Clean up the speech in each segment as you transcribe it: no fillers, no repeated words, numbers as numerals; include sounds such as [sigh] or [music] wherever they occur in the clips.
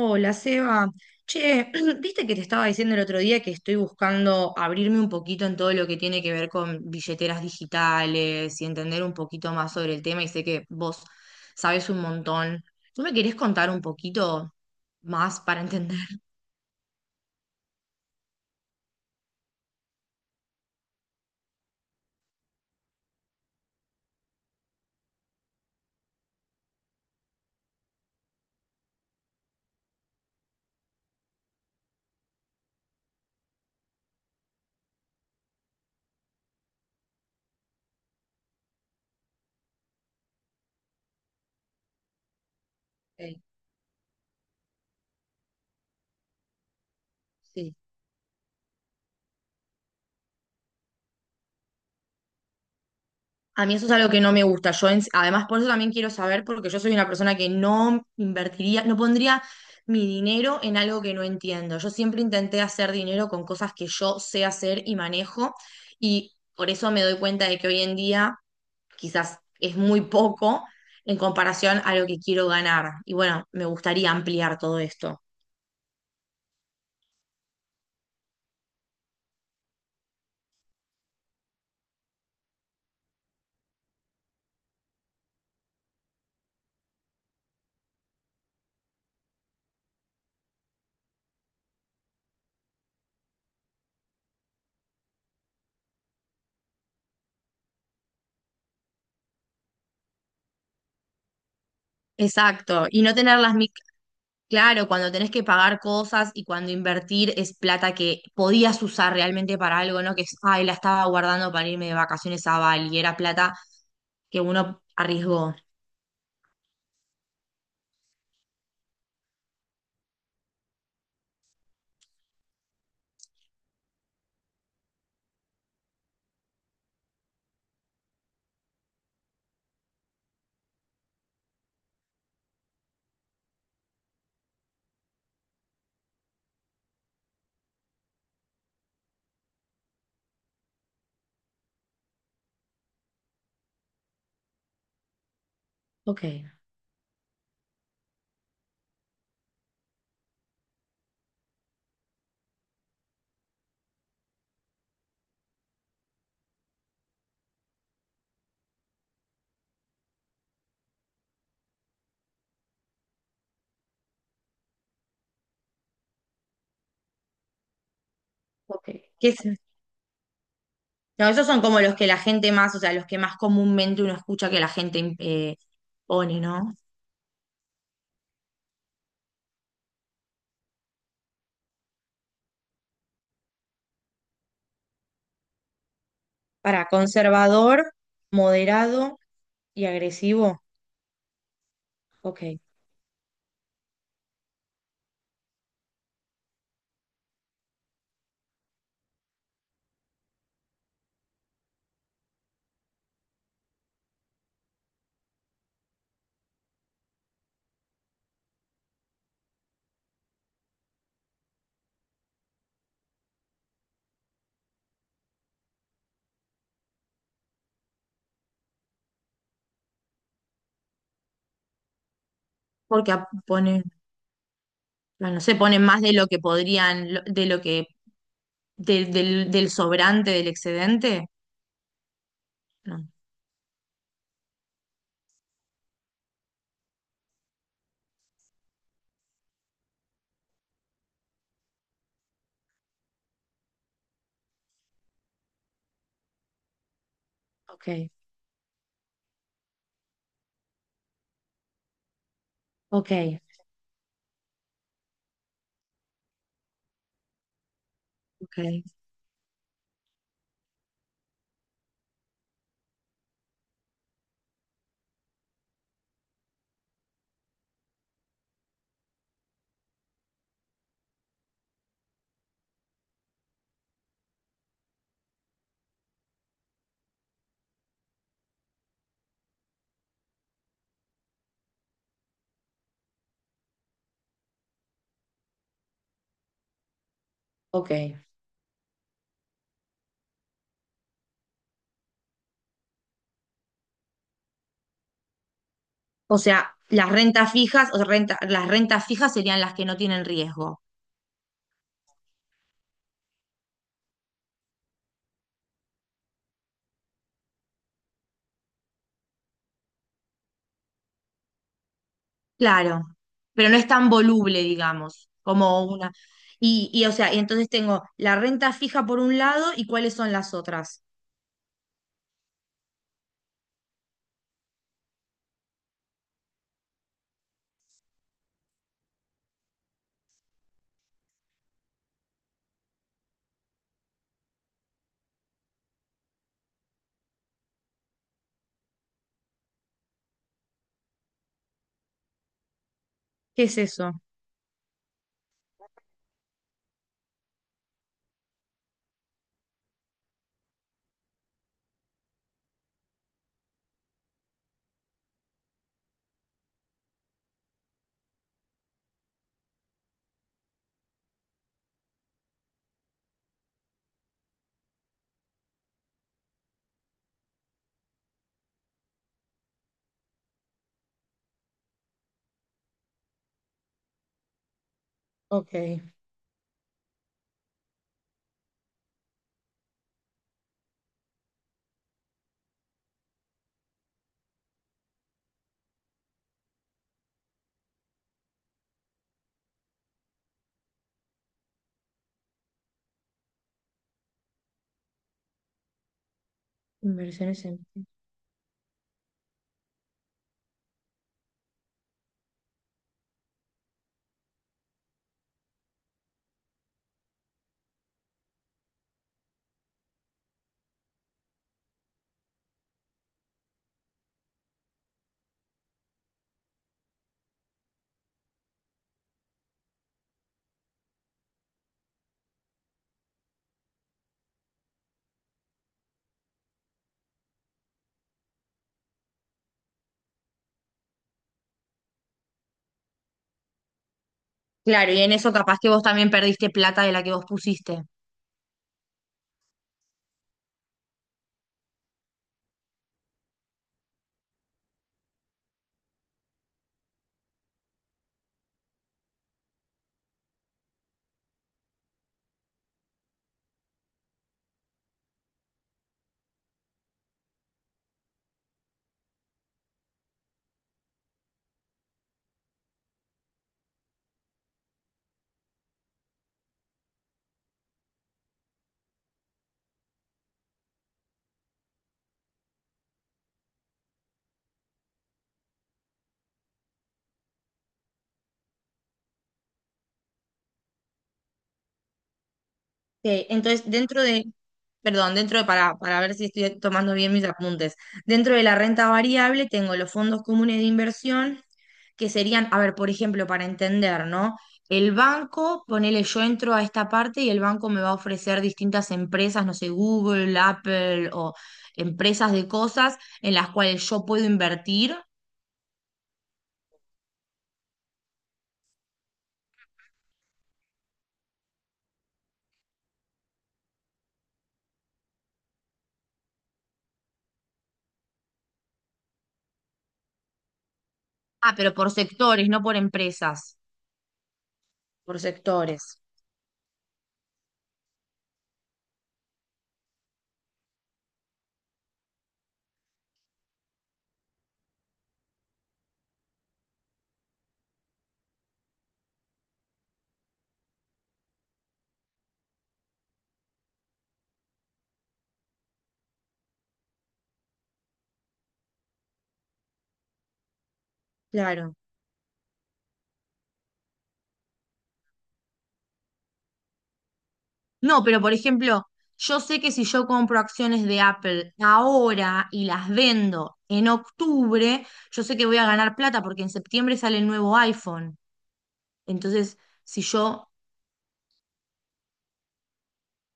Hola, Seba. Che, [clears throat] viste que te estaba diciendo el otro día que estoy buscando abrirme un poquito en todo lo que tiene que ver con billeteras digitales y entender un poquito más sobre el tema, y sé que vos sabes un montón. ¿Tú me querés contar un poquito más para entender? Ok. Sí. A mí eso es algo que no me gusta. Sí, además, por eso también quiero saber, porque yo soy una persona que no invertiría, no pondría mi dinero en algo que no entiendo. Yo siempre intenté hacer dinero con cosas que yo sé hacer y manejo, y por eso me doy cuenta de que hoy en día quizás es muy poco en comparación a lo que quiero ganar. Y bueno, me gustaría ampliar todo esto. Exacto, y no tener las Claro, cuando tenés que pagar cosas y cuando invertir es plata que podías usar realmente para algo, ¿no? Que es, ay, la estaba guardando para irme de vacaciones a Bali, y era plata que uno arriesgó. Ok, ok. ¿Qué es? No, esos son como los que la gente más, o sea, los que más comúnmente uno escucha que la gente pone, ¿no? Para conservador, moderado y agresivo. Ok. Porque pone. No, no se ponen más de lo que podrían, de lo que, del del sobrante, del excedente. No, ok, ok, ok. Ok. O sea, las rentas fijas, o sea, las rentas fijas serían las que no tienen riesgo. Claro, pero no es tan voluble, digamos, como una. Y o sea, y entonces tengo la renta fija por un lado, y cuáles son las otras. ¿Qué es eso? Ok. Inversiones en... Claro, y en eso capaz que vos también perdiste plata de la que vos pusiste. Ok, entonces dentro de, perdón, dentro de, para ver si estoy tomando bien mis apuntes, dentro de la renta variable tengo los fondos comunes de inversión, que serían, a ver, por ejemplo, para entender, ¿no? El banco, ponele, yo entro a esta parte y el banco me va a ofrecer distintas empresas, no sé, Google, Apple o empresas de cosas en las cuales yo puedo invertir. Ah, pero por sectores, no por empresas, por sectores. Claro. No, pero por ejemplo, yo sé que si yo compro acciones de Apple ahora y las vendo en octubre, yo sé que voy a ganar plata porque en septiembre sale el nuevo iPhone. Entonces, si yo...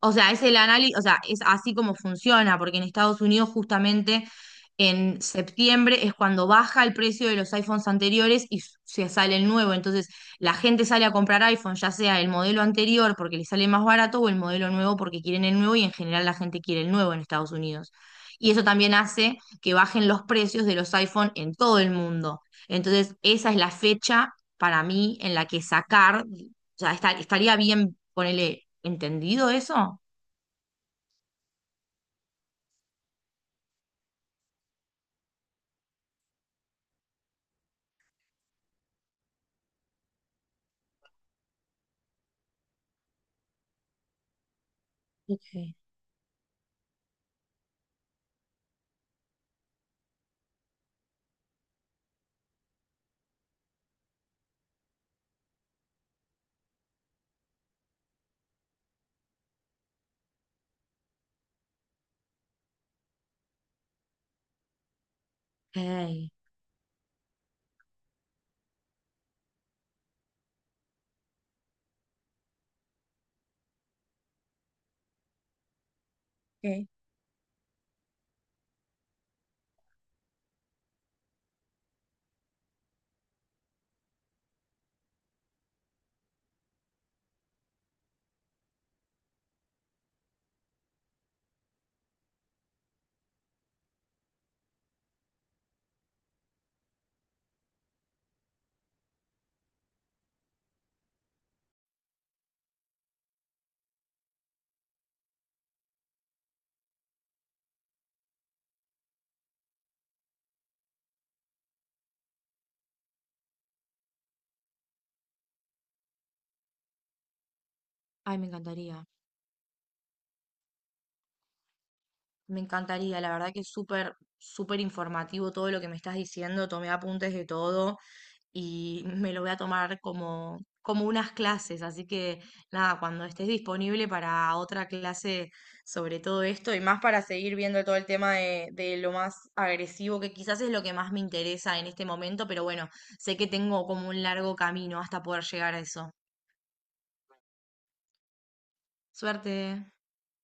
O sea, es el análisis, o sea, es así como funciona, porque en Estados Unidos justamente en septiembre es cuando baja el precio de los iPhones anteriores y se sale el nuevo. Entonces, la gente sale a comprar iPhone, ya sea el modelo anterior porque le sale más barato o el modelo nuevo porque quieren el nuevo, y en general la gente quiere el nuevo en Estados Unidos. Y eso también hace que bajen los precios de los iPhone en todo el mundo. Entonces, esa es la fecha para mí en la que sacar, o sea, estaría bien, ponerle, ¿entendido eso? Ok. Ey. Ok. Ay, me encantaría. Me encantaría, la verdad que es súper, súper informativo todo lo que me estás diciendo. Tomé apuntes de todo y me lo voy a tomar como, como unas clases. Así que nada, cuando estés disponible para otra clase sobre todo esto y más, para seguir viendo todo el tema de lo más agresivo, que quizás es lo que más me interesa en este momento, pero bueno, sé que tengo como un largo camino hasta poder llegar a eso. Suerte.